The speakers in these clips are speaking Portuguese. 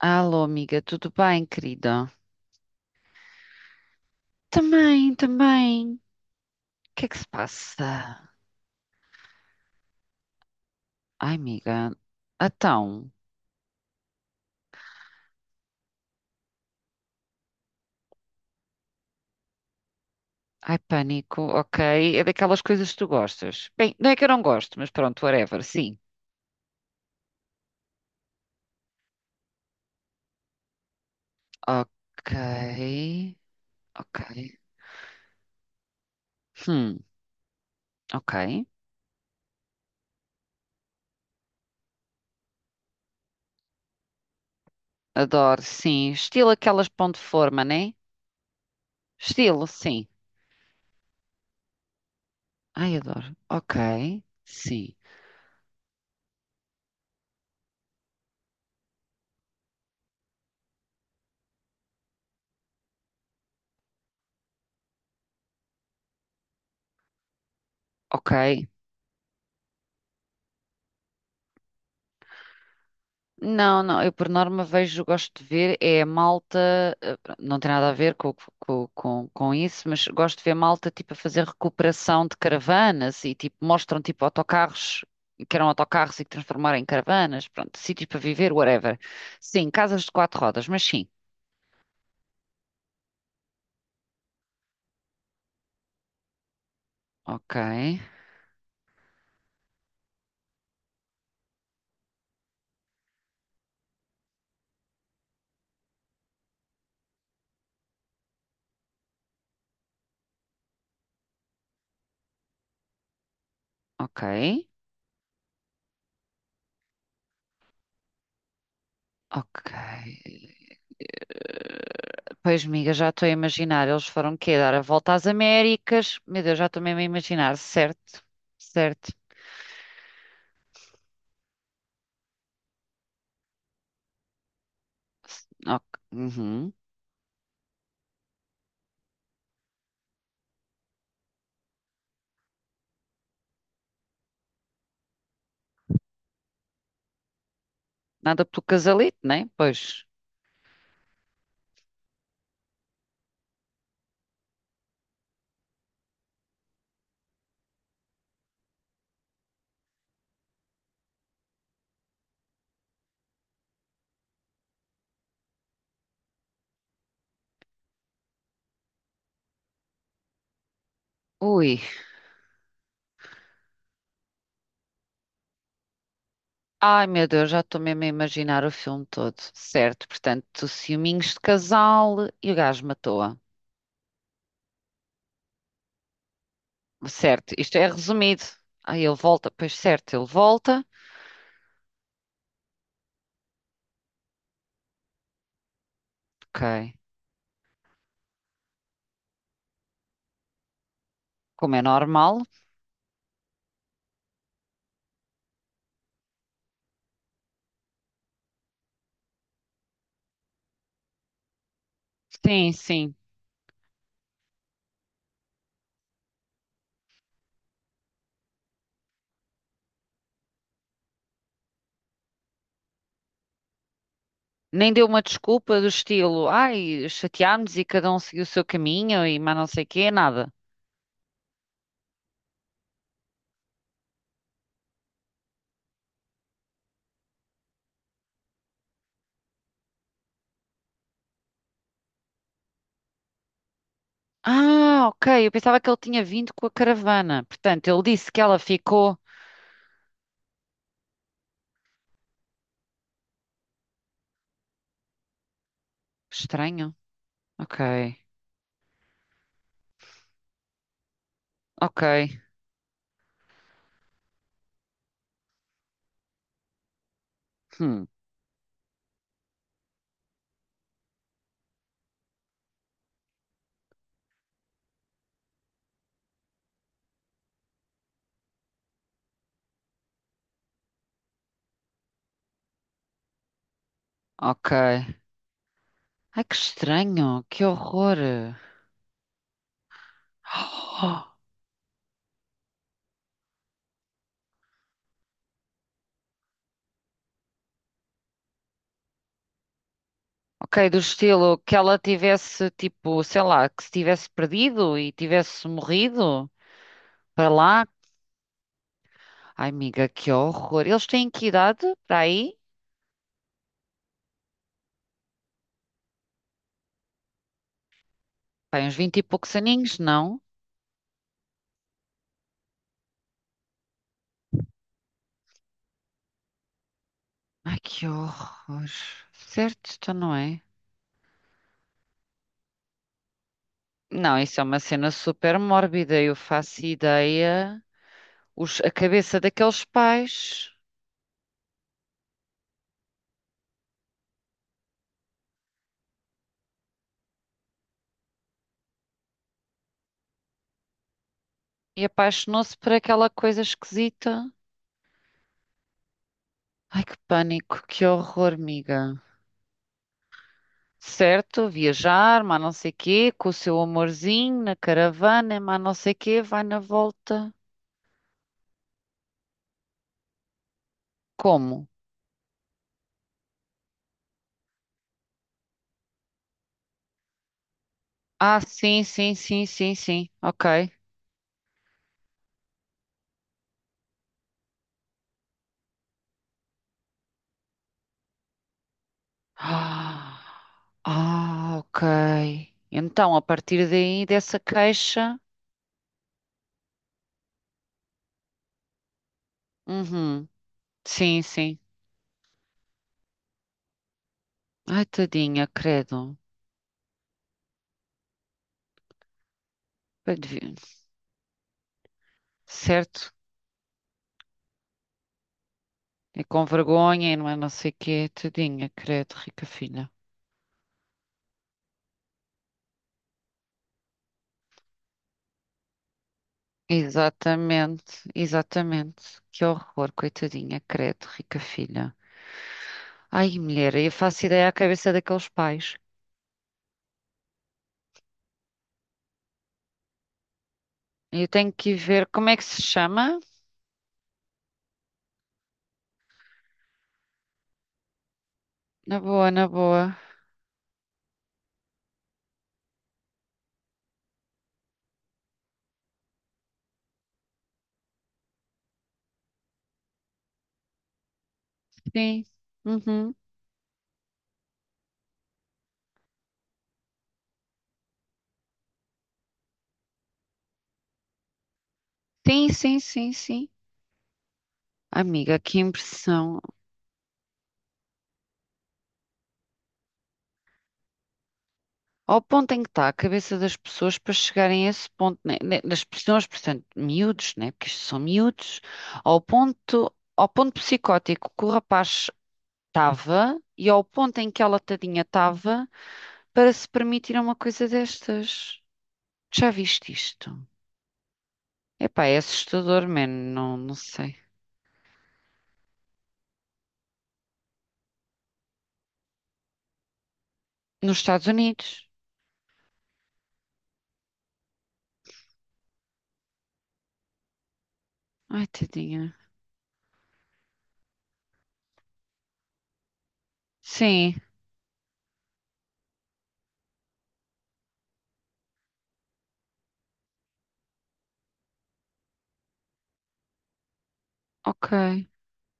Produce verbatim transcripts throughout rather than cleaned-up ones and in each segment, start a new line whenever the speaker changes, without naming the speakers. Alô, amiga, tudo bem, querida? Também, também. O que é que se passa? Ai, amiga, então. Ai, pânico, ok. É daquelas coisas que tu gostas. Bem, não é que eu não gosto, mas pronto, whatever, sim. Ok, ok. Hum, ok. Adoro, sim. Estilo aquelas pão de forma, né? Estilo, sim. Ai, adoro. Ok, sim. Ok. Não, não, eu por norma vejo, gosto de ver, é a malta, eh, pronto, não tem nada a ver com, com, com, com isso, mas gosto de ver malta tipo a fazer recuperação de caravanas e tipo mostram tipo autocarros que eram autocarros e que transformaram em caravanas, pronto, sítios para viver, whatever. Sim, casas de quatro rodas, mas sim. Ok, ok, ok. Eh, Pois, amiga, já estou a imaginar, eles foram quê? Dar a volta às Américas? Meu Deus, já estou mesmo a imaginar, certo, certo. Ok. Uhum. Nada pelo casalito, né? Pois. Ui. Ai, meu Deus, já estou mesmo a imaginar o filme todo. Certo, portanto, ciúminhos de casal e o gajo matou-a. Certo, isto é resumido. Aí ele volta, pois certo, ele volta. Ok. Como é normal. Sim, sim. Nem deu uma desculpa do estilo, ai, chateámos e cada um seguiu o seu caminho e mais não sei o quê, nada. Ah, ok. Eu pensava que ele tinha vindo com a caravana. Portanto, ele disse que ela ficou. Estranho? Ok. Ok. Hum. Ok. Ai, que estranho. Que horror. Oh, ok, do estilo que ela tivesse, tipo, sei lá, que se tivesse perdido e tivesse morrido para lá. Ai, amiga, que horror. Eles têm que idade para aí? Pai, uns vinte e poucos aninhos, não? Ai, que horror. Certo, então não é? Não, isso é uma cena super mórbida. Eu faço ideia. Os- a cabeça daqueles pais. E apaixonou-se por aquela coisa esquisita. Ai, que pânico, que horror, amiga. Certo, viajar, mas não sei quê, com o seu amorzinho na caravana, mas não sei quê, vai na volta. Como? Ah, sim, sim, sim, sim, sim. Ok. Ah, ah, ok. Então, a partir daí, dessa queixa. Uhum. Sim, sim. Ai, tadinha, credo. Pá, devia- Certo. E com vergonha, e não é não sei o quê, tadinha, credo, rica filha. Exatamente, exatamente. Que horror, coitadinha, credo, rica filha. Ai, mulher, eu faço ideia à cabeça daqueles pais. Eu tenho que ir ver como é que se chama. Na boa, na boa. Sim. Uhum. Sim, sim, sim, sim. Amiga, que impressão. Ao ponto em que está a cabeça das pessoas para chegarem a esse ponto, né? Né, das pessoas, portanto, miúdos, né? Porque isto são miúdos, ao ponto, ao ponto psicótico que o rapaz estava e ao ponto em que ela tadinha estava para se permitir uma coisa destas. Já viste isto? Epá, é assustador, man. Não, não sei. Nos Estados Unidos. Ai, tadinha. Sim, ok.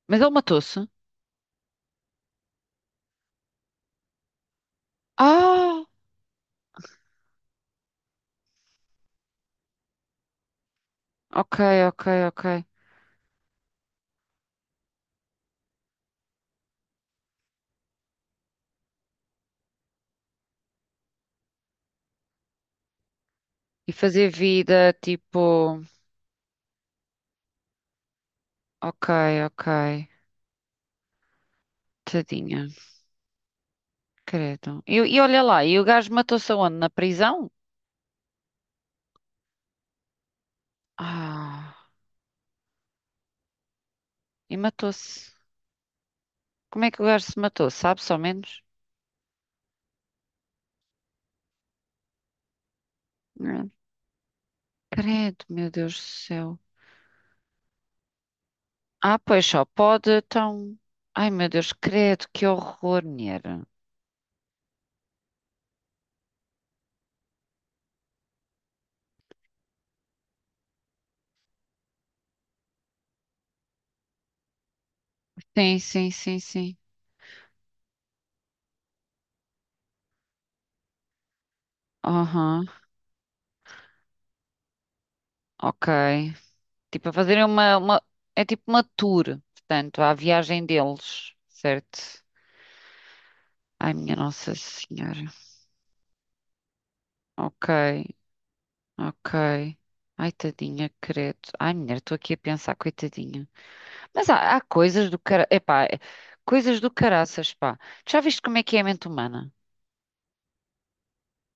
Mas ele matou-se? Ah, ok, ok, ok. E fazer vida, tipo. Ok, ok. Tadinha, credo. E, e olha lá, e o gajo matou-se aonde? Na prisão? Ah, e matou-se. Como é que o gajo se matou? Sabe só menos? Não. Credo, meu Deus do céu. Ah, pois só pode, então. Ai, meu Deus, credo, que horror, mulher. Sim, sim, sim, sim. Aham, ok. Tipo, a fazerem uma, uma. É tipo uma tour, portanto, à viagem deles, certo? Ai, minha Nossa Senhora. Ok. Ok. Ai, tadinha, credo. Ai, mulher, estou aqui a pensar, coitadinha. Mas há, há coisas do cara... Epá, é- coisas do caraças, pá. Tu já viste como é que é a mente humana?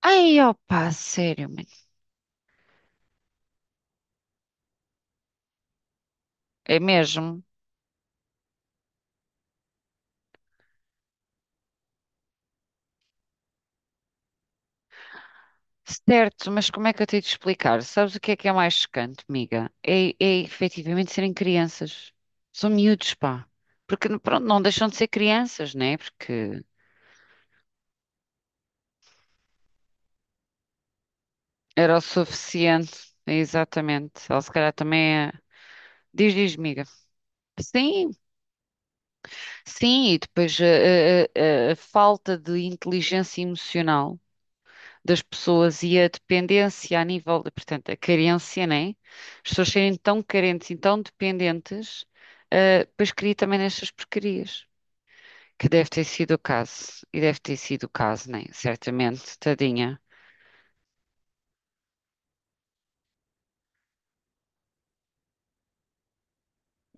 Ai, ó sério, mano. É mesmo? Certo, mas como é que eu tenho de explicar? Sabes o que é que é mais chocante, amiga? É, é efetivamente serem crianças. São miúdos, pá. Porque, pronto, não deixam de ser crianças, né? Porque era o suficiente. Exatamente. Ela se calhar também é... Diz, diz, amiga. Sim, sim, e depois eh, eh, eh, a falta de inteligência emocional das pessoas e a dependência a nível de, portanto, a carência, né? As pessoas serem tão carentes e tão dependentes, eh, depois cria também nestas porcarias, que deve ter sido o caso, e deve ter sido o caso, né? Certamente, tadinha,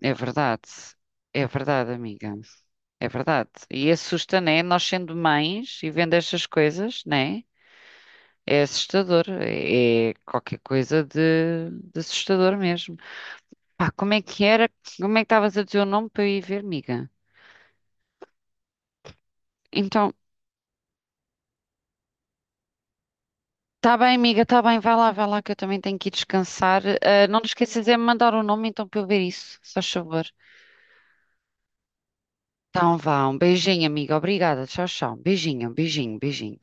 é verdade. É verdade, amiga. É verdade. E assusta, né? Nós sendo mães e vendo estas coisas, né? É assustador, é qualquer coisa de, de assustador mesmo. Pá, como é que era? Como é que estavas a dizer o nome para eu ir ver, miga? Então, tá bem, miga, tá bem, vai lá, vai lá que eu também tenho que ir descansar. Ah, não te esqueças de me mandar o nome então para eu ver isso, se faz favor. Então vá, um beijinho, amiga, obrigada, tchau, tchau. Beijinho, beijinho, beijinho.